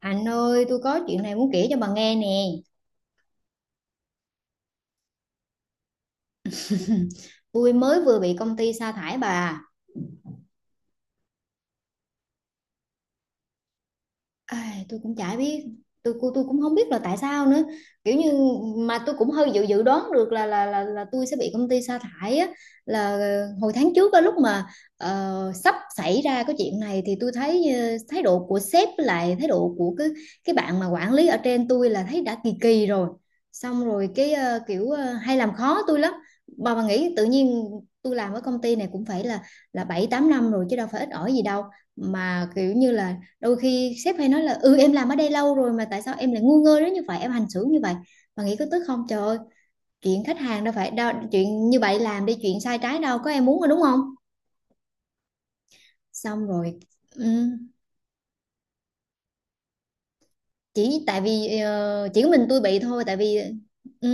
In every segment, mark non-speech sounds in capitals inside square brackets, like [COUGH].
Anh ơi, tôi có chuyện này muốn kể cho bà nghe nè. [LAUGHS] Tôi mới vừa bị công ty sa thải bà. Ai, tôi cũng chả biết. Tôi cũng không biết là tại sao nữa, kiểu như, mà tôi cũng hơi dự dự đoán được là tôi sẽ bị công ty sa thải á, là hồi tháng trước á, lúc mà sắp xảy ra cái chuyện này thì tôi thấy thái độ của sếp với lại thái độ của cái bạn mà quản lý ở trên tôi, là thấy đã kỳ kỳ rồi. Xong rồi cái hay làm khó tôi lắm. Bà nghĩ tự nhiên tôi làm ở công ty này cũng phải là, 7 8 năm rồi chứ đâu phải ít ỏi gì đâu, mà kiểu như là đôi khi sếp hay nói là ừ, em làm ở đây lâu rồi mà tại sao em lại ngu ngơ đến như vậy, em hành xử như vậy, mà nghĩ có tức không trời ơi. Chuyện khách hàng đâu phải đâu chuyện như vậy làm đi, chuyện sai trái đâu có em muốn rồi đúng không. Xong rồi, ừ, chỉ tại vì chỉ có mình tôi bị thôi, tại vì ừ,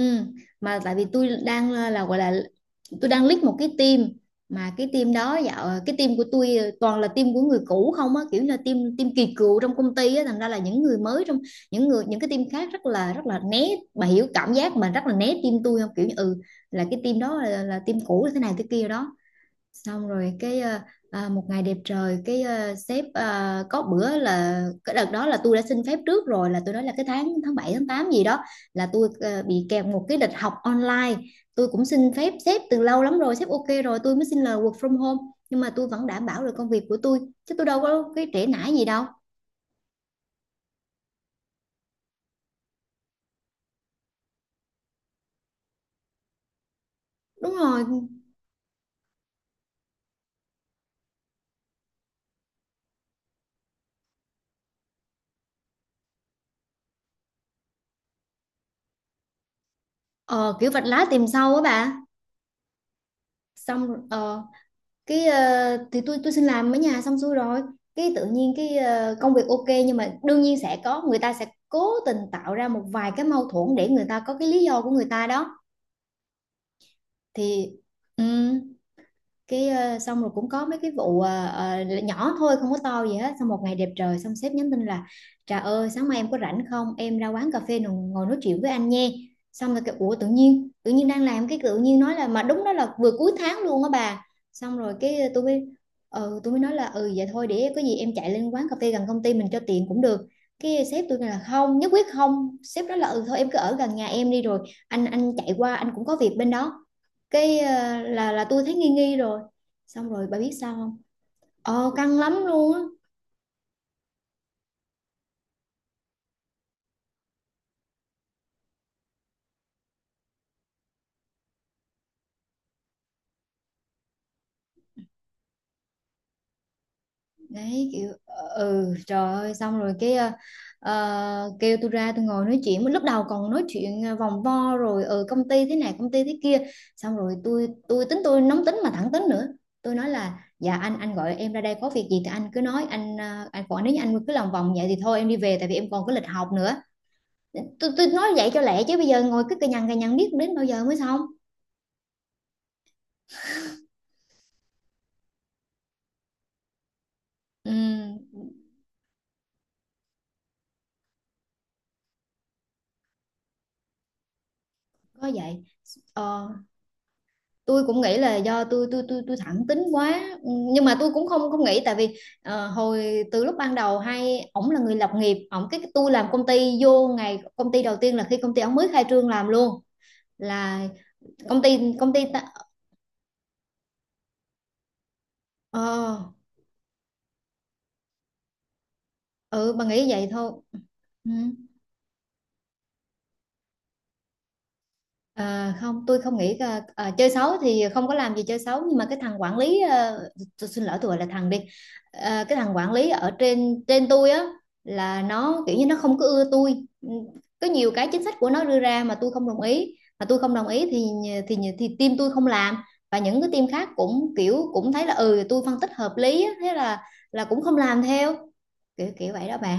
mà tại vì tôi đang là gọi là, tôi đang lead một cái team, mà cái team đó, dạo cái team của tôi toàn là team của người cũ không á, kiểu như là team, kỳ cựu trong công ty á, thành ra là những người mới trong, những người, những cái team khác rất là, rất là né. Bà hiểu cảm giác mà rất là né team tôi không, kiểu như ừ, là cái team đó là team cũ thế này thế kia đó. Xong rồi cái một ngày đẹp trời cái sếp, có bữa là cái đợt đó là tôi đã xin phép trước rồi, là tôi nói là cái tháng tháng 7 tháng 8 gì đó là tôi bị kèm một cái lịch học online. Tôi cũng xin phép sếp từ lâu lắm rồi, sếp ok rồi tôi mới xin lời work from home, nhưng mà tôi vẫn đảm bảo được công việc của tôi, chứ tôi đâu có cái trễ nải gì đâu. Đúng rồi, ờ, kiểu vạch lá tìm sâu á bà. Xong rồi- ờ Cái thì tôi xin làm ở nhà xong xuôi rồi, cái tự nhiên cái công việc ok, nhưng mà đương nhiên sẽ có người ta sẽ cố tình tạo ra một vài cái mâu thuẫn để người ta có cái lý do của người ta đó. Thì ừ, cái xong rồi cũng có mấy cái vụ nhỏ thôi không có to gì hết, xong một ngày đẹp trời, xong sếp nhắn tin là Trà ơi sáng mai em có rảnh không, em ra quán cà phê ngồi, nói chuyện với anh nha. Xong rồi cái, ủa tự nhiên, đang làm cái tự nhiên nói là, mà đúng đó là vừa cuối tháng luôn á bà. Xong rồi cái tôi mới, ừ tôi mới nói là ừ vậy thôi, để có gì em chạy lên quán cà phê gần công ty mình cho tiện cũng được. Cái sếp tôi là không, nhất quyết không, sếp nói là ừ thôi em cứ ở gần nhà em đi rồi anh chạy qua, anh cũng có việc bên đó. Cái là tôi thấy nghi nghi rồi. Xong rồi bà biết sao không. Ờ căng lắm luôn á. Đấy kiểu ừ trời ơi, xong rồi cái kêu tôi ra tôi ngồi nói chuyện, lúc đầu còn nói chuyện vòng vo rồi ừ công ty thế này công ty thế kia. Xong rồi tôi tính, tôi nóng tính mà thẳng tính nữa, tôi nói là dạ anh gọi em ra đây có việc gì thì anh cứ nói anh, anh còn nếu như anh cứ lòng vòng vậy thì thôi em đi về, tại vì em còn có lịch học nữa. Tôi nói vậy cho lẹ, chứ bây giờ ngồi cứ cà nhằn biết đến bao giờ mới xong. Ừ có vậy. ờ, tôi cũng nghĩ là do tôi thẳng tính quá. Ừ, nhưng mà tôi cũng không, không nghĩ, tại vì hồi từ lúc ban đầu, hay ổng là người lập nghiệp, ổng cái tôi làm công ty, vô ngày công ty đầu tiên là khi công ty ổng mới khai trương làm luôn, là công ty, ta, ờ, ừ bà nghĩ vậy thôi. Ừ. À, không, tôi không nghĩ, à, chơi xấu thì không có làm gì chơi xấu, nhưng mà cái thằng quản lý, à, tôi xin lỗi tôi gọi là thằng đi. À, cái thằng quản lý ở trên, tôi á, là nó kiểu như nó không có ưa tôi. Ừ, có nhiều cái chính sách của nó đưa ra mà tôi không đồng ý, mà tôi không đồng ý thì thì team tôi không làm, và những cái team khác cũng kiểu cũng thấy là ừ tôi phân tích hợp lý á, thế là cũng không làm theo, kiểu kiểu vậy đó bạn.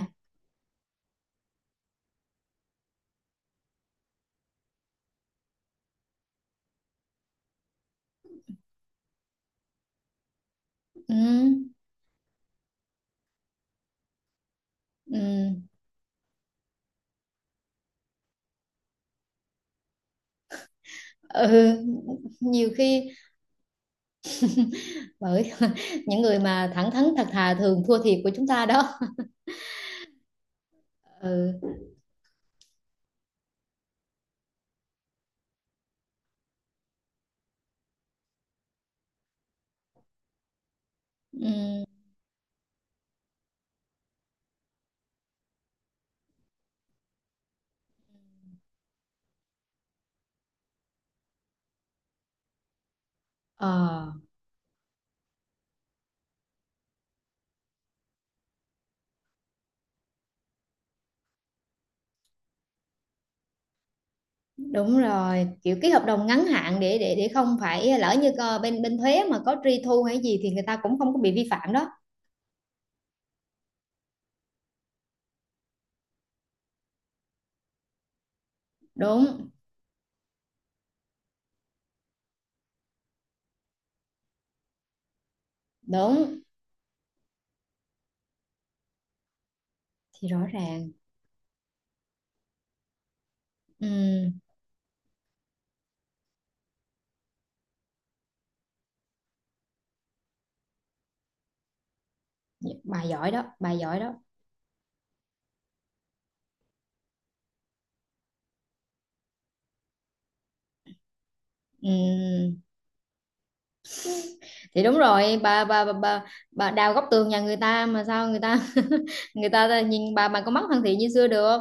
Ừ, ừ, ừ. [LAUGHS] Nhiều khi bởi [LAUGHS] những người mà thẳng thắn thật thà thường thua thiệt của chúng ta đó. Ừ. Ừm, ờ, đúng rồi, kiểu ký hợp đồng ngắn hạn để để không phải lỡ như bên, thuế mà có truy thu hay gì thì người ta cũng không có bị vi phạm đó. Đúng. Đúng. Thì rõ ràng. Ừm, bà giỏi đó, bà giỏi đó. Ừm, thì đúng rồi bà, bà, bà đào góc tường nhà người ta mà sao người ta [LAUGHS] người ta nhìn bà có mắt thân thiện như xưa được.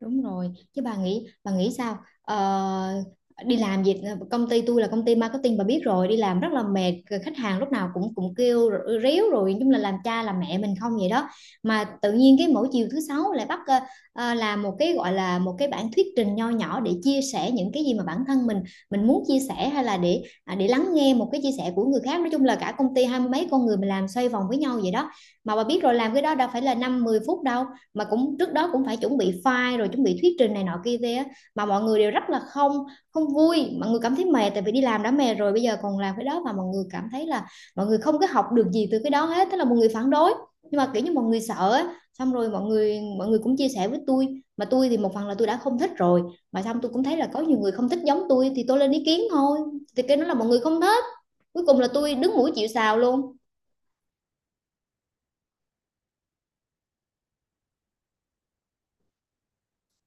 Đúng rồi, chứ bà nghĩ, bà nghĩ sao? Ờ, đi làm gì, công ty tôi là công ty marketing bà biết rồi, đi làm rất là mệt, rồi khách hàng lúc nào cũng, kêu rồi- ríu rồi, nói chung là làm cha làm mẹ mình không vậy đó. Mà tự nhiên cái mỗi chiều thứ sáu lại bắt làm một cái gọi là một cái bản thuyết trình nho nhỏ để chia sẻ những cái gì mà bản thân mình, muốn chia sẻ hay là để à, để lắng nghe một cái chia sẻ của người khác. Nói chung là cả công ty 20 mấy con người mình làm xoay vòng với nhau vậy đó. Mà bà biết rồi làm cái đó đâu phải là 5 10 phút đâu, mà cũng trước đó cũng phải chuẩn bị file rồi chuẩn bị thuyết trình này nọ kia kia á, mà mọi người đều rất là không, vui, mọi người cảm thấy mệt, tại vì đi làm đã mệt rồi bây giờ còn làm cái đó, và mọi người cảm thấy là mọi người không có học được gì từ cái đó hết, thế là mọi người phản đối. Nhưng mà kiểu như mọi người sợ, xong rồi mọi người, cũng chia sẻ với tôi, mà tôi thì một phần là tôi đã không thích rồi, mà xong tôi cũng thấy là có nhiều người không thích giống tôi thì tôi lên ý kiến thôi. Thì cái đó là mọi người không thích, cuối cùng là tôi đứng mũi chịu sào luôn.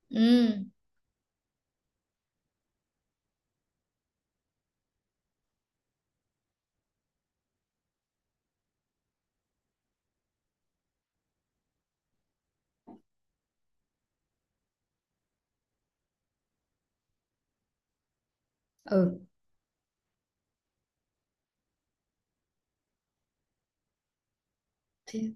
Ừ ừ. Thì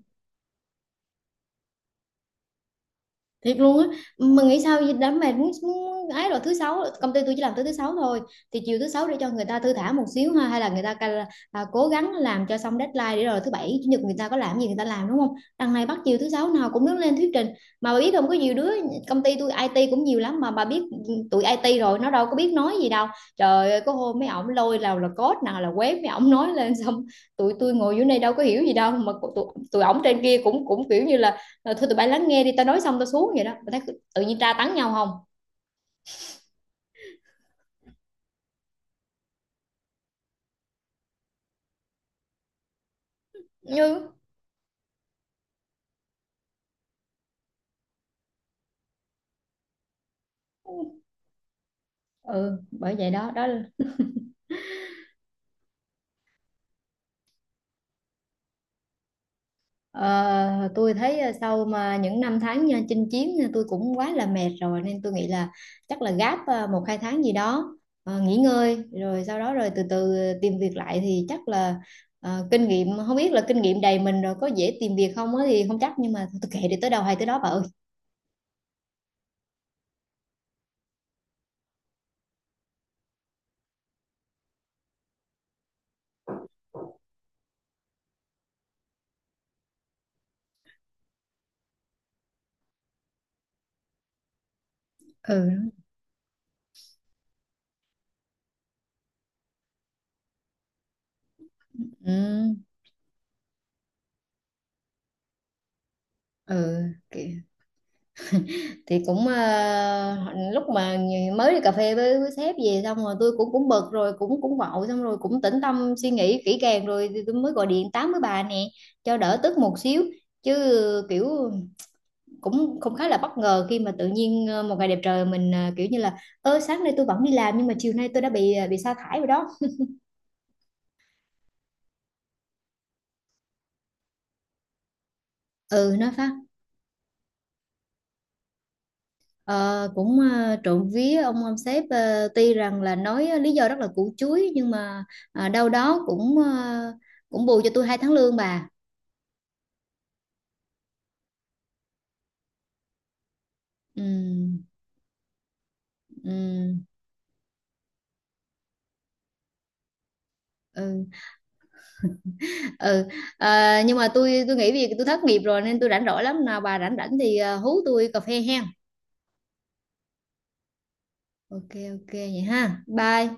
thiệt luôn á, mà nghĩ sao vậy? Đám mệt muốn, muốn ấy, rồi thứ sáu công ty tôi chỉ làm tới thứ sáu thôi, thì chiều thứ sáu để cho người ta thư thả một xíu ha, hay là người ta cố gắng làm cho xong deadline để rồi thứ bảy chủ nhật người ta có làm gì người ta làm đúng không, đằng này bắt chiều thứ sáu nào cũng đứng lên thuyết trình. Mà bà biết không, có nhiều đứa công ty tôi IT cũng nhiều lắm mà bà biết, tụi IT rồi nó đâu có biết nói gì đâu. Trời ơi có hôm mấy ổng lôi nào là code nào là web, mấy ổng nói lên xong tụi tôi ngồi dưới đây đâu có hiểu gì đâu, mà tụi, ổng trên kia cũng, kiểu như là rồi thôi tụi bay lắng nghe đi tao nói xong tao xuống, vậy đó tao thấy tự nhiên tra tấn nhau không. Như ừ, bởi vậy đó đó. Ờ, tôi thấy sau mà những năm tháng nha, chinh chiến nha, tôi cũng quá là mệt rồi nên tôi nghĩ là chắc là gáp 1 2 tháng gì đó nghỉ ngơi, rồi sau đó rồi từ từ tìm việc lại thì chắc là kinh nghiệm, không biết là kinh nghiệm đầy mình rồi có dễ tìm việc không á thì không chắc, nhưng mà tôi kệ, đi tới đâu hay tới đó bà ơi. Ừ ừ ừ. Thì cũng lúc mà mới đi cà phê với, sếp về, xong rồi tôi cũng, bực rồi cũng, vội, xong rồi cũng tĩnh tâm suy nghĩ kỹ càng rồi thì tôi mới gọi điện tám với bà nè cho đỡ tức một xíu. Chứ kiểu cũng, khá là bất ngờ khi mà tự nhiên một ngày đẹp trời mình, kiểu như là ơ sáng nay tôi vẫn đi làm nhưng mà chiều nay tôi đã bị bị sa thải rồi đó. Ừ nói phá. Ờ, cũng trộm vía ông sếp tuy rằng là nói lý do rất là củ chuối nhưng mà đâu đó cũng cũng bù cho tôi 2 tháng lương bà. Ừ, ừ, ừ, ừ. Ờ, nhưng mà tôi nghĩ vì tôi thất nghiệp rồi nên tôi rảnh rỗi lắm, nào bà rảnh rảnh thì hú tôi cà phê hen. Ok ok vậy ha bye.